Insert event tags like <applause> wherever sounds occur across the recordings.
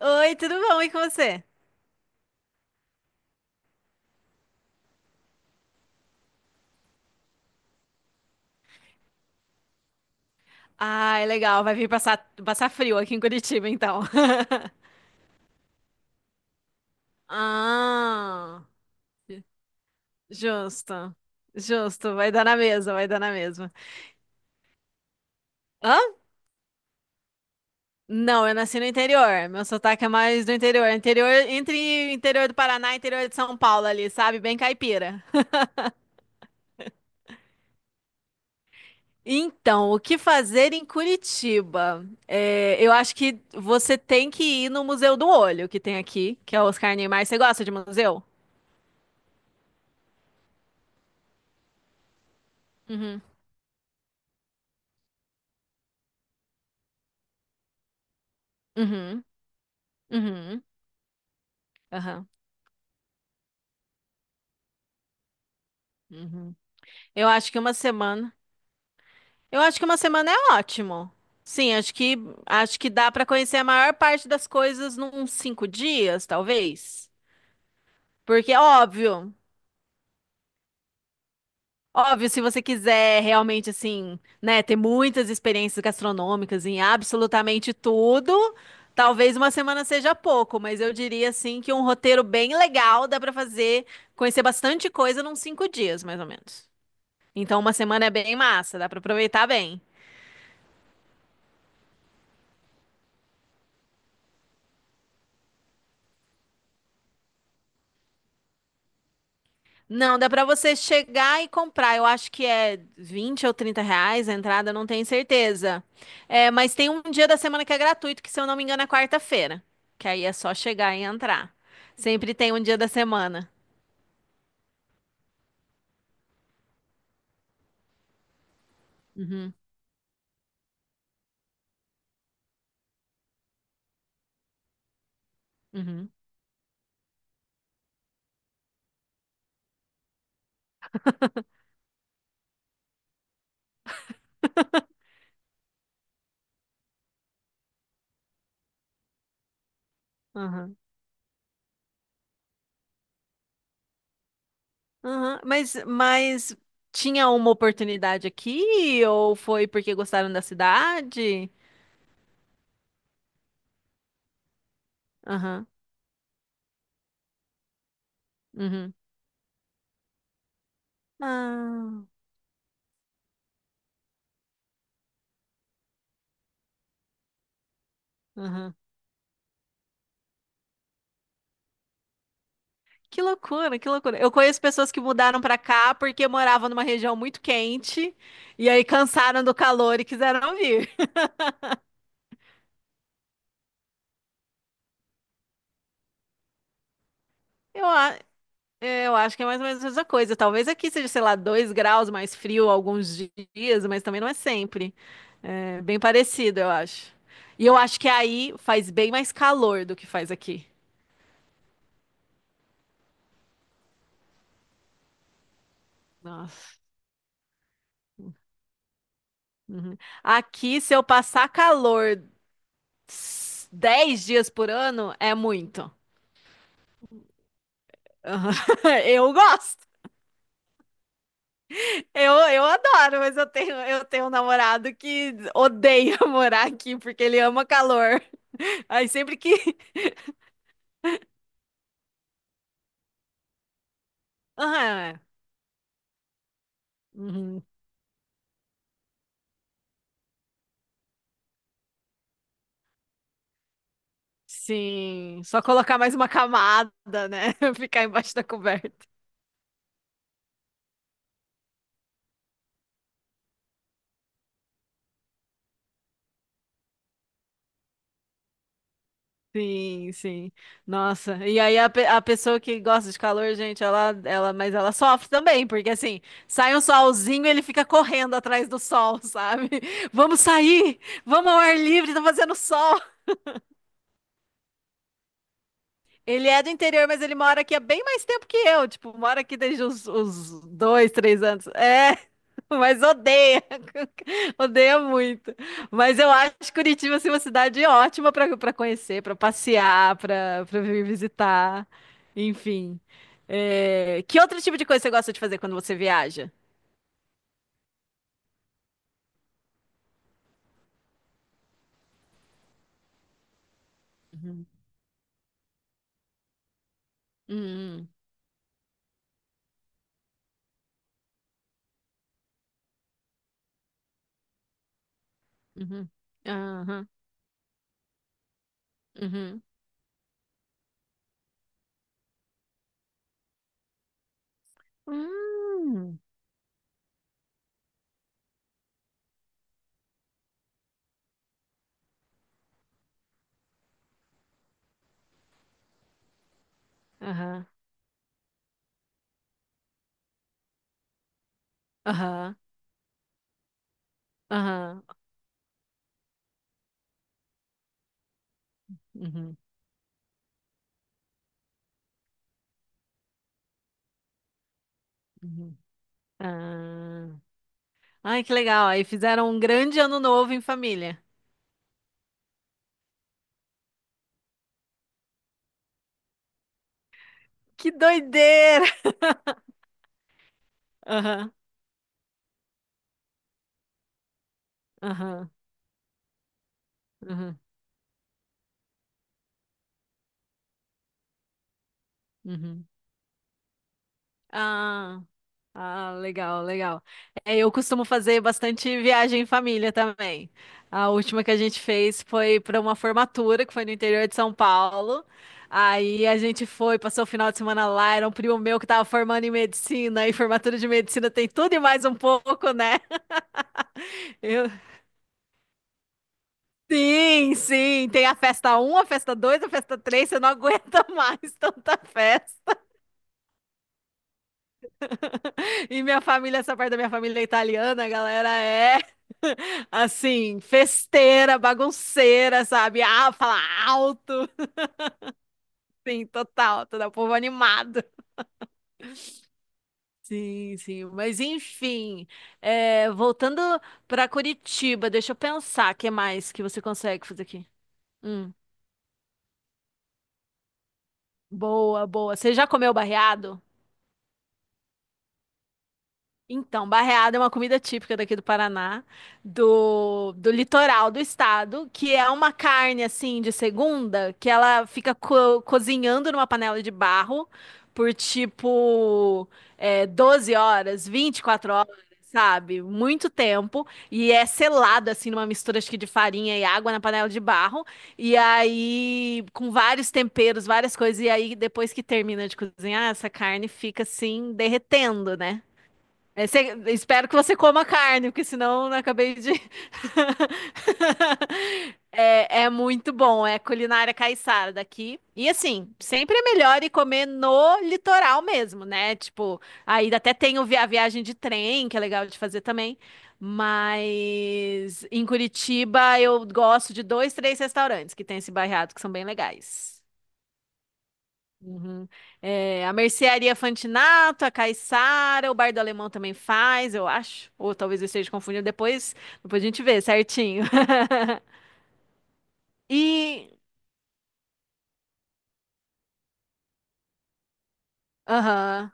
Oi, tudo bom? E com você? Ai, legal. Vai vir passar frio aqui em Curitiba, então. <laughs> Ah, justo. Justo. Vai dar na mesma, vai dar na mesma. Hã? Não, eu nasci no interior. Meu sotaque é mais do interior. Interior, entre interior do Paraná e interior de São Paulo ali, sabe? Bem caipira. Então, o que fazer em Curitiba? É, eu acho que você tem que ir no Museu do Olho, que tem aqui, que é o Oscar Niemeyer. Você gosta de museu? Uhum. Uhum. Uhum, aham, uhum. Eu acho que uma semana. Eu acho que uma semana é ótimo. Sim, acho que dá para conhecer a maior parte das coisas num 5 dias, talvez. Porque é óbvio, óbvio, se você quiser realmente assim, né, ter muitas experiências gastronômicas em absolutamente tudo, talvez uma semana seja pouco, mas eu diria assim que um roteiro bem legal dá para fazer, conhecer bastante coisa num 5 dias, mais ou menos. Então, uma semana é bem massa, dá pra aproveitar bem. Não, dá pra você chegar e comprar. Eu acho que é 20 ou 30 reais a entrada, não tenho certeza. É, mas tem um dia da semana que é gratuito, que se eu não me engano é quarta-feira. Que aí é só chegar e entrar. Sempre tem um dia da semana. Uhum, <laughs> uhum, uhum. Mas tinha uma oportunidade aqui ou foi porque gostaram da cidade? Aham, uhum. Ah, aham. Que loucura, que loucura. Eu conheço pessoas que mudaram pra cá porque moravam numa região muito quente e aí cansaram do calor e quiseram vir. Eu, a- eu acho que é mais ou menos a mesma coisa. Talvez aqui seja, sei lá, 2 graus mais frio alguns dias, mas também não é sempre. É bem parecido, eu acho. E eu acho que aí faz bem mais calor do que faz aqui. Nossa. Uhum. Aqui, se eu passar calor 10 dias por ano, é muito. <laughs> Eu gosto. Eu adoro, mas eu tenho um namorado que odeia <laughs> morar aqui porque ele ama calor. Aí sempre que. <laughs> Ah, uhum, sim, só colocar mais uma camada, né? <laughs> Ficar embaixo da coberta. Sim, sim. Nossa, e aí a pessoa que gosta de calor, gente, ela, mas ela sofre também, porque assim, sai um solzinho, ele fica correndo atrás do sol, sabe? <laughs> Vamos sair, vamos ao ar livre, tá fazendo sol. Ele é do interior, mas ele mora aqui há bem mais tempo que eu. Tipo, mora aqui desde os 2, 3 anos. É, <laughs> mas odeia. <laughs> Odeia muito. Mas eu acho Curitiba assim, uma cidade ótima para para conhecer, para passear, para para vir visitar. Enfim. É, que outro tipo de coisa você gosta de fazer quando você viaja? Hum, uhum, aham, uhum, hum, aham, aham, aham, uhum, uhum, ah. Ai, que legal. Aí fizeram um grande ano novo em família. Que doideira! <laughs> Aham, aham, aham, uhum. Ah, ah, legal, legal. É, eu costumo fazer bastante viagem em família também. A última que a gente fez foi para uma formatura que foi no interior de São Paulo. Aí a gente foi, passou o final de semana lá. Era um primo meu que estava formando em medicina, e formatura de medicina tem tudo e mais um pouco, né? Eu, Sim, sim, tem a festa 1, a festa 2, a festa 3. Você não aguenta <laughs> mais tanta festa. E minha família, essa parte da minha família é italiana, a galera é <laughs> assim, festeira, bagunceira, sabe? Ah, fala alto, sim, total, todo o povo animado. Sim, sim, mas enfim, voltando para Curitiba, deixa eu pensar, o que mais que você consegue fazer aqui? Hum, boa, boa. Você já comeu barreado? Então, barreada é uma comida típica daqui do Paraná, do litoral do estado, que é uma carne assim de segunda, que ela fica cozinhando numa panela de barro por tipo 12 horas, 24 horas, sabe? Muito tempo. E é selado assim numa mistura acho que de farinha e água na panela de barro. E aí, com vários temperos, várias coisas. E aí, depois que termina de cozinhar, essa carne fica assim derretendo, né? É, espero que você coma carne, porque senão eu acabei de. <laughs> É, é muito bom, é culinária caiçara daqui. E assim, sempre é melhor ir comer no litoral mesmo, né? Tipo, aí até tem a viagem de trem, que é legal de fazer também. Mas em Curitiba eu gosto de dois, três restaurantes que tem esse bairrado que são bem legais. Uhum. É, a Mercearia Fantinato, a Caiçara, o Bar do Alemão também faz, eu acho. Ou talvez eu esteja confundindo. Depois, a gente vê certinho. <laughs> E. Aham.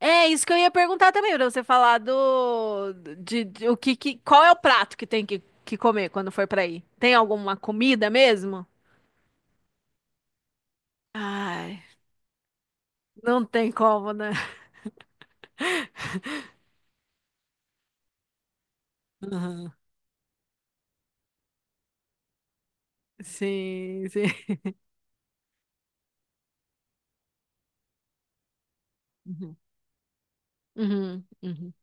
É isso que eu ia perguntar também, pra você falar do. Qual é o prato que tem que comer quando for pra aí? Tem alguma comida mesmo? Ai, não tem como, né? Aham. Sim, sim. Uhum. Uhum. Uhum.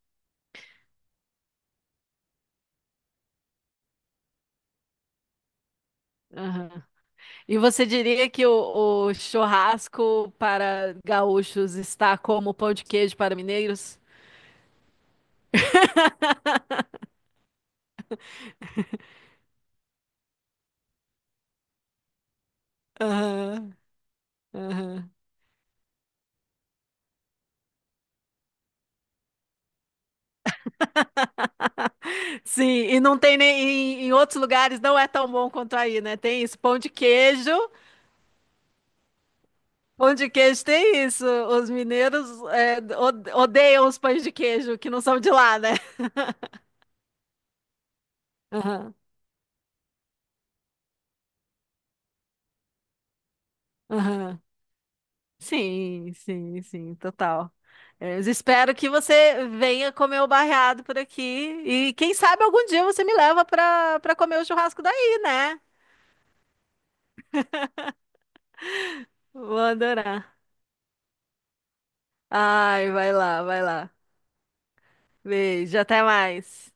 Aham. E você diria que o churrasco para gaúchos está como o pão de queijo para mineiros? <laughs> Aham, aham. Sim, e não tem nem em, em outros lugares não é tão bom quanto aí, né? Tem isso, pão de queijo tem isso. Os mineiros odeiam os pães de queijo que não são de lá, né? Aham, aham. Sim, sim, sim, total. É, eu espero que você venha comer o barreado por aqui e quem sabe algum dia você me leva para para comer o churrasco daí, né? Vou adorar. Ai, vai lá, vai lá. Beijo, até mais.